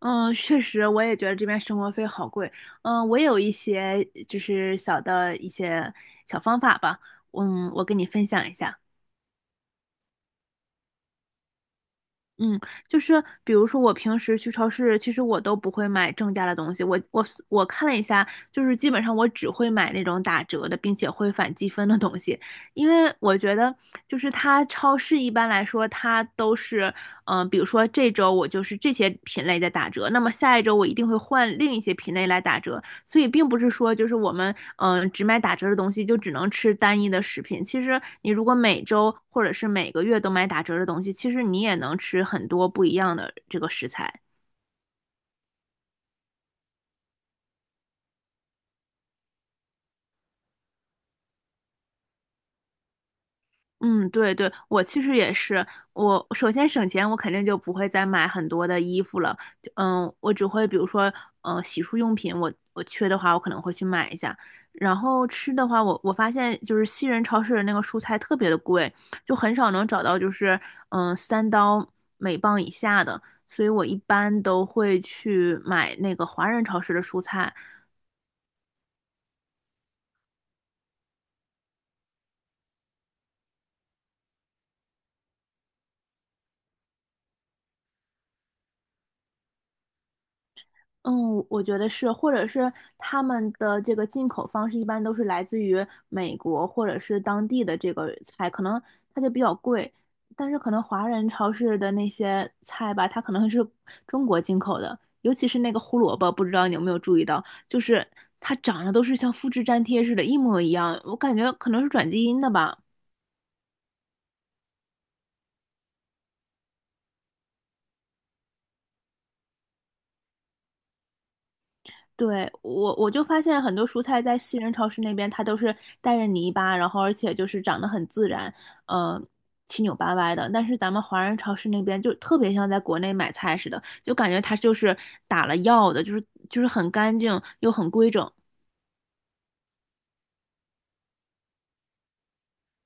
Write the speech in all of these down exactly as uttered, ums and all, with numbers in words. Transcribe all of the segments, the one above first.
嗯，确实，我也觉得这边生活费好贵。嗯，我有一些就是小的一些小方法吧，嗯，我跟你分享一下。嗯，就是比如说我平时去超市，其实我都不会买正价的东西。我我我看了一下，就是基本上我只会买那种打折的，并且会返积分的东西，因为我觉得就是它超市一般来说它都是，嗯、比如说这周我就是这些品类在打折，那么下一周我一定会换另一些品类来打折。所以并不是说就是我们嗯、呃只买打折的东西就只能吃单一的食品。其实你如果每周或者是每个月都买打折的东西，其实你也能吃很多不一样的这个食材。嗯，对对，我其实也是，我首先省钱，我肯定就不会再买很多的衣服了，就嗯，我只会比如说，嗯、洗漱用品我，我缺的话，我可能会去买一下。然后吃的话，我我发现就是西人超市的那个蔬菜特别的贵，就很少能找到就是嗯三刀每磅以下的，所以我一般都会去买那个华人超市的蔬菜。嗯，我觉得是，或者是他们的这个进口方式一般都是来自于美国或者是当地的这个菜，可能它就比较贵，但是可能华人超市的那些菜吧，它可能是中国进口的，尤其是那个胡萝卜，不知道你有没有注意到，就是它长得都是像复制粘贴似的，一模一样，我感觉可能是转基因的吧。对，我我就发现很多蔬菜在西人超市那边，它都是带着泥巴，然后而且就是长得很自然，嗯，七扭八歪的。但是咱们华人超市那边就特别像在国内买菜似的，就感觉它就是打了药的，就是就是很干净又很规整。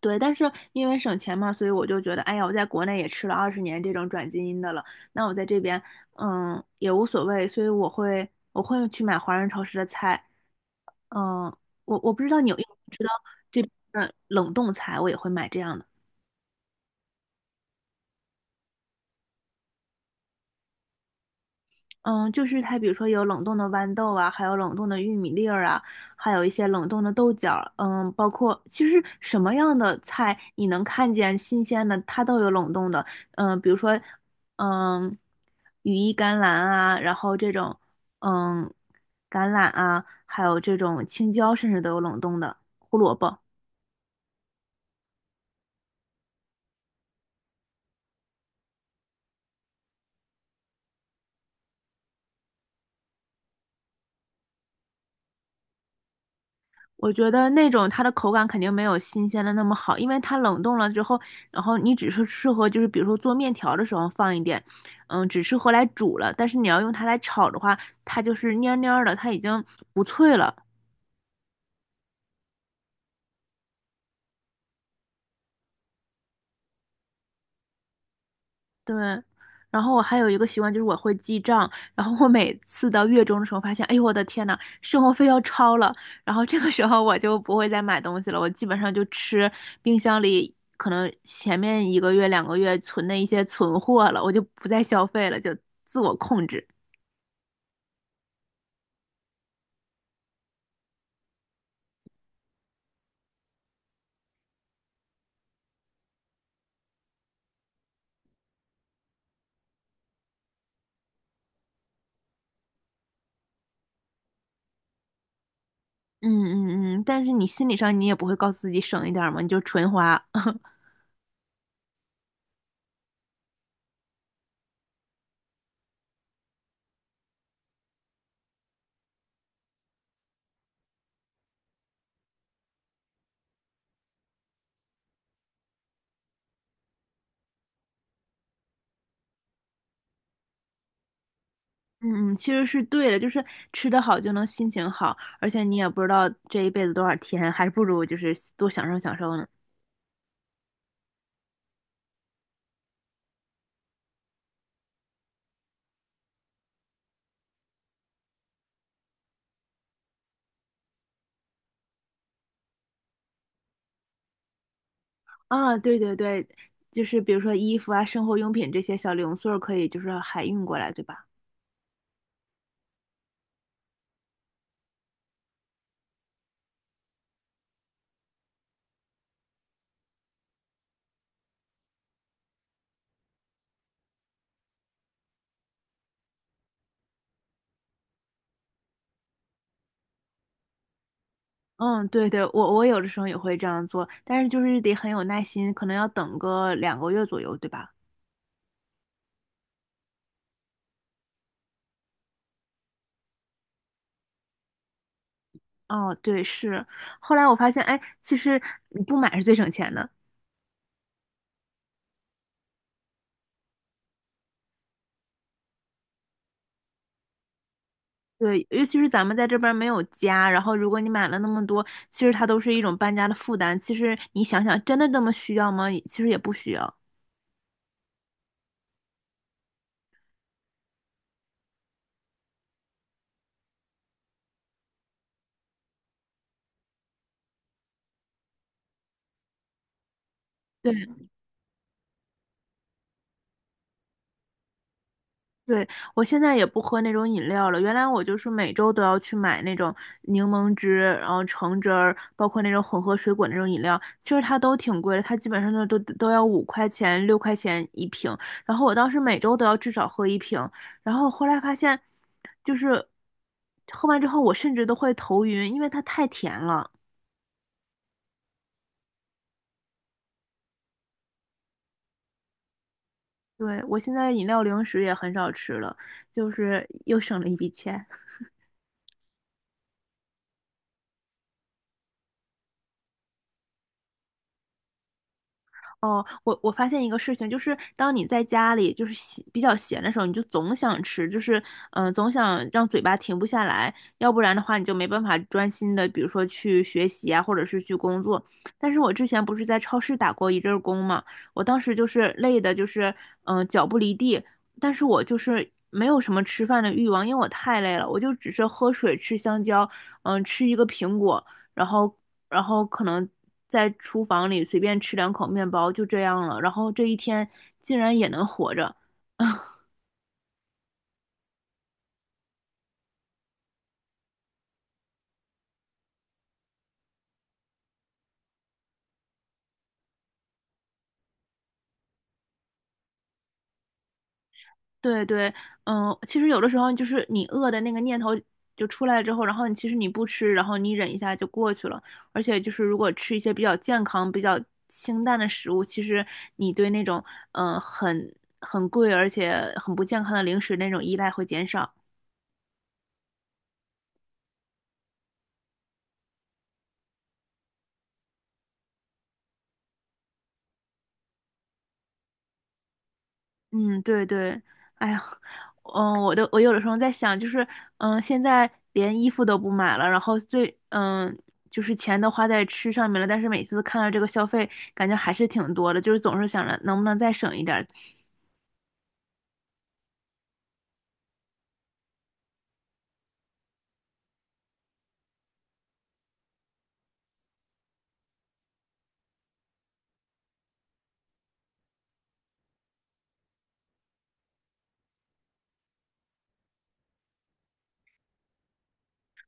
对，但是因为省钱嘛，所以我就觉得，哎呀，我在国内也吃了二十年这种转基因的了，那我在这边，嗯，也无所谓，所以我会我会去买华人超市的菜。嗯，我我不知道你有有知道这边的冷冻菜，我也会买这样的。嗯，就是它，比如说有冷冻的豌豆啊，还有冷冻的玉米粒儿啊，还有一些冷冻的豆角儿，嗯，包括其实什么样的菜你能看见新鲜的，它都有冷冻的。嗯，比如说，嗯，羽衣甘蓝啊，然后这种，嗯，橄榄啊，还有这种青椒，甚至都有冷冻的胡萝卜。我觉得那种它的口感肯定没有新鲜的那么好，因为它冷冻了之后，然后你只是适合就是比如说做面条的时候放一点，嗯，只适合来煮了。但是你要用它来炒的话，它就是蔫蔫儿的，它已经不脆了。对，然后我还有一个习惯就是我会记账，然后我每次到月中的时候发现，哎呦我的天呐，生活费要超了，然后这个时候我就不会再买东西了，我基本上就吃冰箱里可能前面一个月两个月存的一些存货了，我就不再消费了，就自我控制。嗯嗯嗯，但是你心理上你也不会告诉自己省一点儿嘛，你就纯花。嗯嗯，其实是对的，就是吃得好就能心情好，而且你也不知道这一辈子多少天，还不如就是多享受享受呢。啊，对对对，就是比如说衣服啊、生活用品这些小零碎儿可以就是海运过来，对吧？嗯，对对，我我有的时候也会这样做，但是就是得很有耐心，可能要等个两个月左右，对吧？哦，对，是。后来我发现，哎，其实你不买是最省钱的。对，尤其是咱们在这边儿没有家，然后如果你买了那么多，其实它都是一种搬家的负担。其实你想想，真的这么需要吗？其实也不需要。对。对，我现在也不喝那种饮料了。原来我就是每周都要去买那种柠檬汁，然后橙汁儿，包括那种混合水果那种饮料，其实它都挺贵的，它基本上都都都要五块钱、六块钱一瓶。然后我当时每周都要至少喝一瓶，然后后来发现，就是喝完之后我甚至都会头晕，因为它太甜了。对，我现在饮料零食也很少吃了，就是又省了一笔钱。哦，我我发现一个事情，就是当你在家里就是闲比较闲的时候，你就总想吃，就是嗯、呃总想让嘴巴停不下来，要不然的话你就没办法专心的，比如说去学习啊，或者是去工作。但是我之前不是在超市打过一阵儿工嘛，我当时就是累的，就是嗯、呃脚不离地，但是我就是没有什么吃饭的欲望，因为我太累了，我就只是喝水、吃香蕉，嗯、吃一个苹果。然后然后可能在厨房里随便吃两口面包，就这样了。然后这一天竟然也能活着，对对，嗯，其实有的时候就是你饿的那个念头就出来之后，然后你其实你不吃，然后你忍一下就过去了。而且就是如果吃一些比较健康、比较清淡的食物，其实你对那种嗯、呃很很贵而且很不健康的零食那种依赖会减少。嗯，对对，哎呀，嗯，我都我有的时候在想，就是嗯，现在连衣服都不买了，然后最嗯，就是钱都花在吃上面了，但是每次看到这个消费，感觉还是挺多的，就是总是想着能不能再省一点儿。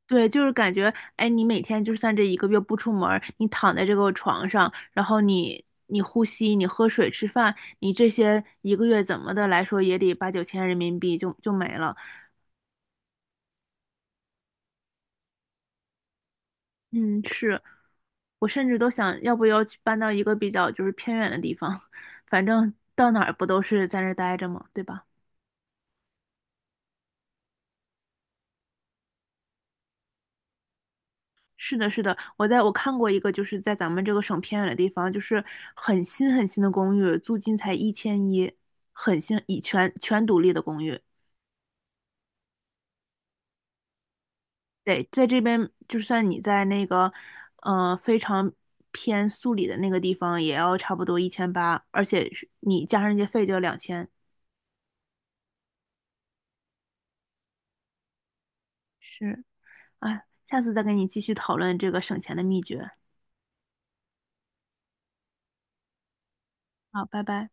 对，就是感觉，哎，你每天就算这一个月不出门儿，你躺在这个床上，然后你你呼吸，你喝水、吃饭，你这些一个月怎么的来说也得八九千人民币就就没了。嗯，是，我甚至都想要不要去搬到一个比较就是偏远的地方，反正到哪儿不都是在那儿待着嘛，对吧？是的，是的，我在我看过一个就是在咱们这个省偏远的地方，就是很新很新的公寓，租金才一千一，很新，以全全独立的公寓。对，在这边就算你在那个呃非常偏素里的那个地方，也要差不多一千八，而且是你加上一些费就要两千。是，哎，下次再跟你继续讨论这个省钱的秘诀。好，拜拜。